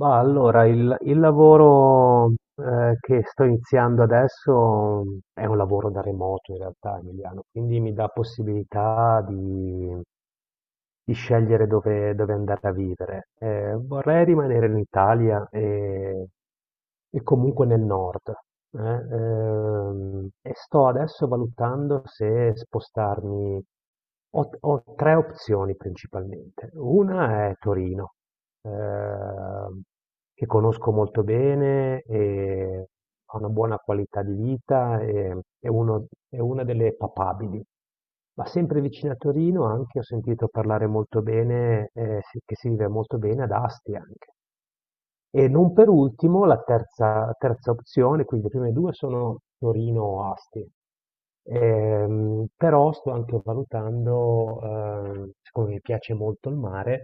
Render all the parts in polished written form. Ma allora il lavoro che sto iniziando adesso è un lavoro da remoto in realtà, Emiliano, quindi mi dà possibilità di scegliere dove andare a vivere. Vorrei rimanere in Italia e comunque nel nord. E sto adesso valutando se spostarmi. Ho tre opzioni principalmente. Una è Torino, ehm, che conosco molto bene e ha una buona qualità di vita e è una delle papabili. Ma sempre vicino a Torino anche ho sentito parlare molto bene, che si vive molto bene ad Asti anche. E non per ultimo la terza, terza opzione, quindi le prime due sono Torino o Asti. Però sto anche valutando, siccome mi piace molto il mare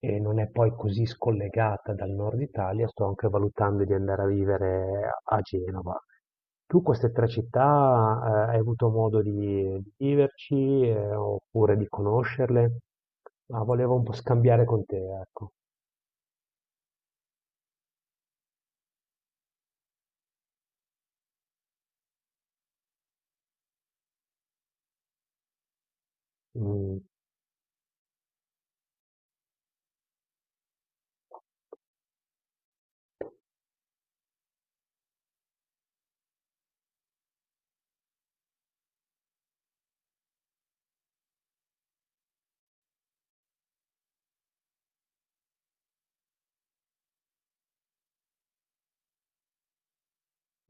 e non è poi così scollegata dal nord Italia, sto anche valutando di andare a vivere a Genova. Tu queste tre città, hai avuto modo di viverci, oppure di conoscerle? Ma volevo un po' scambiare con te, ecco. Mm,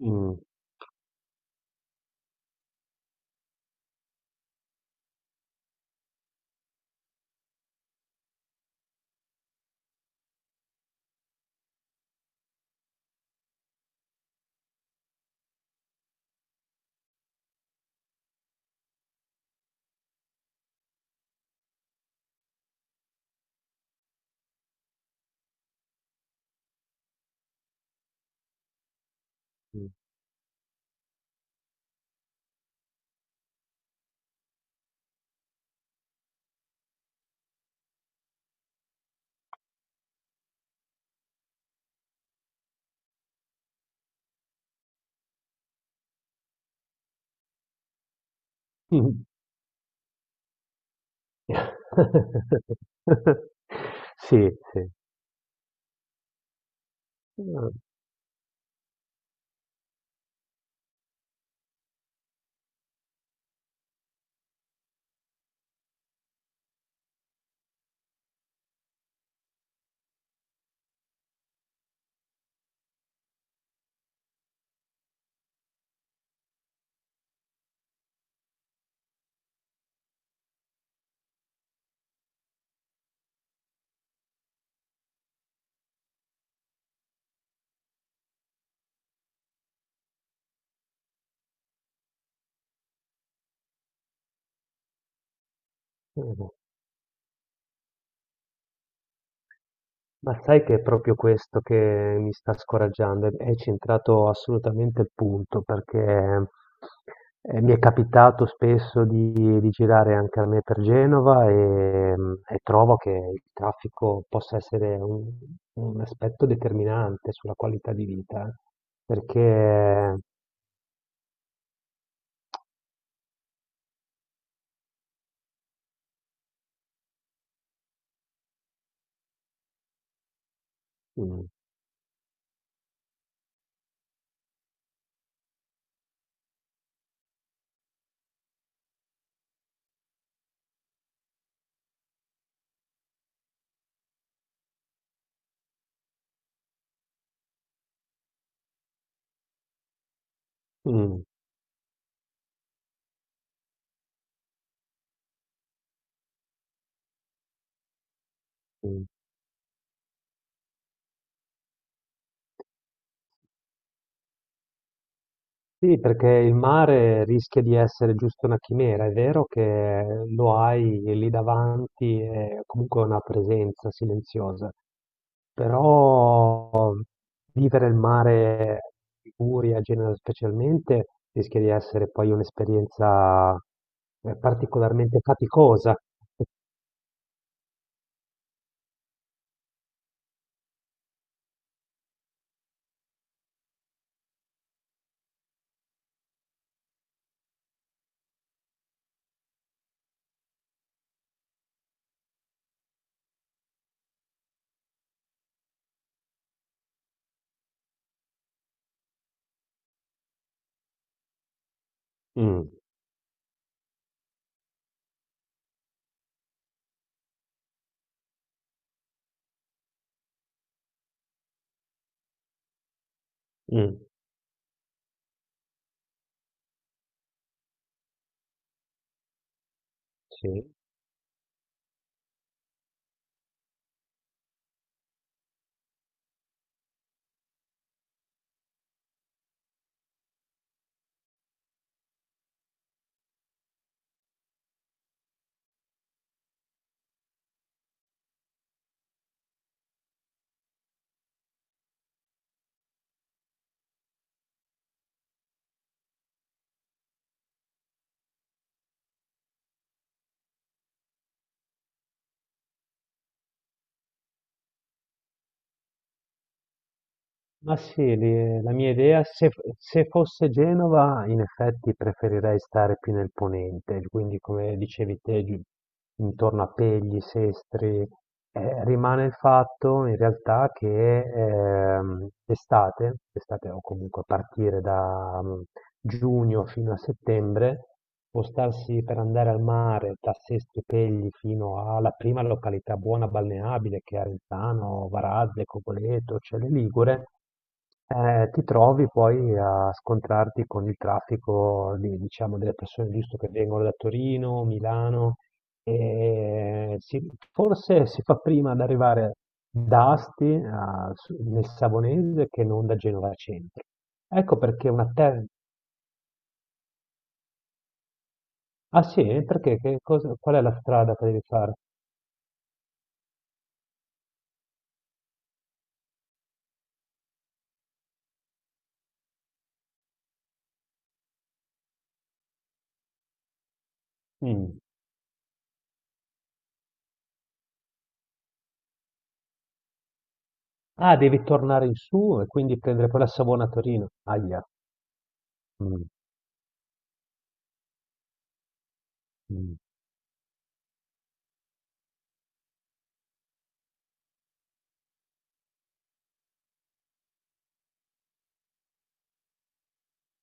mm. Mh. Mh. Sì, sì. Mh, mh. Ma sai che è proprio questo che mi sta scoraggiando, e hai centrato assolutamente il punto, perché, mi è capitato spesso di girare anche a me per Genova, e trovo che il traffico possa essere un aspetto determinante sulla qualità di vita, perché mh, mh, mh. Sì, perché il mare rischia di essere giusto una chimera, è vero che lo hai lì davanti, è comunque una presenza silenziosa, però vivere il mare in Liguria, a Genova specialmente, rischia di essere poi un'esperienza particolarmente faticosa. Mm, mm, sì. Ma sì, la mia idea, se fosse Genova, in effetti preferirei stare più nel ponente, quindi come dicevi te, intorno a Pegli, Sestri, rimane il fatto in realtà che estate, estate o comunque a partire da giugno fino a settembre, spostarsi per andare al mare da Sestri Pegli fino alla prima località buona balneabile che è Arenzano, Varazze, Cogoleto, Celle Ligure, ti trovi poi a scontrarti con il traffico diciamo, delle persone giusto che vengono da Torino, Milano, e forse si fa prima ad arrivare da Asti nel Savonese che non da Genova Centro. Ecco perché una terra. Ah sì? Perché? Qual è la strada che devi fare? Mm. Ah, devi tornare in su e quindi prendere poi la Savona a Torino. Aia. Mm, mm.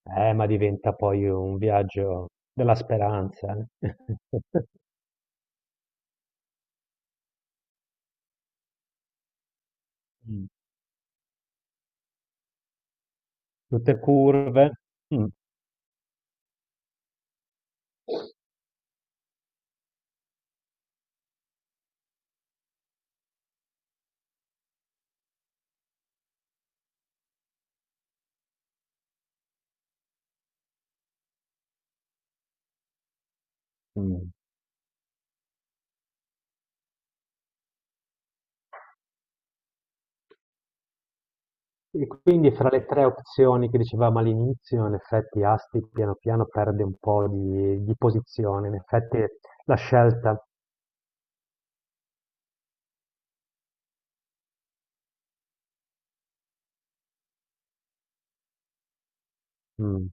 Ma diventa poi un viaggio della speranza. Eh. Mm. Tutte curve. Mm, mm. E quindi fra le tre opzioni che dicevamo all'inizio, in effetti Asti piano piano perde un po' di posizione, in effetti la scelta. Mm,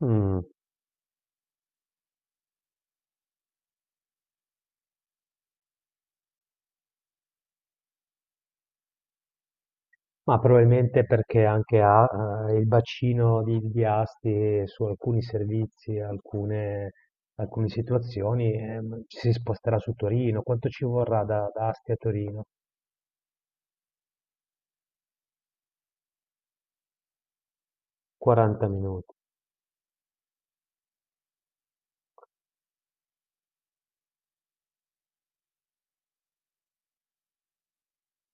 mm. Ma probabilmente perché anche ha il bacino di Asti su alcuni servizi, alcune, alcune situazioni, ci si sposterà su Torino. Quanto ci vorrà da Asti a Torino? 40 minuti.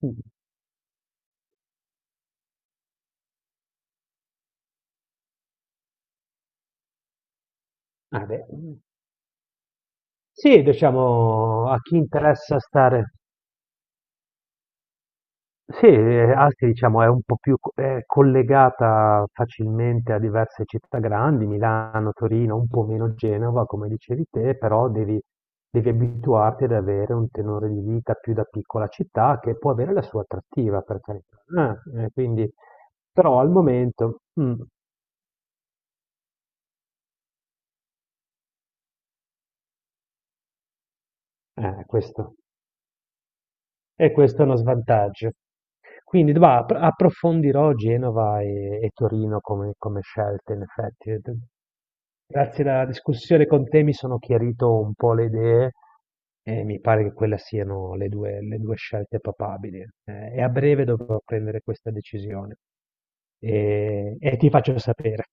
Mm. Ah, beh, sì, diciamo, a chi interessa stare. Sì, Asti diciamo è un po' è collegata facilmente a diverse città grandi, Milano, Torino, un po' meno Genova, come dicevi te, però devi, devi abituarti ad avere un tenore di vita più da piccola città che può avere la sua attrattiva, per carità. Quindi, però al momento, mm, questo. E questo è uno svantaggio. Quindi va, approfondirò Genova e Torino come, come scelte, in effetti. Grazie alla discussione con te mi sono chiarito un po' le idee e mi pare che quelle siano le due scelte papabili. E a breve dovrò prendere questa decisione e ti faccio sapere.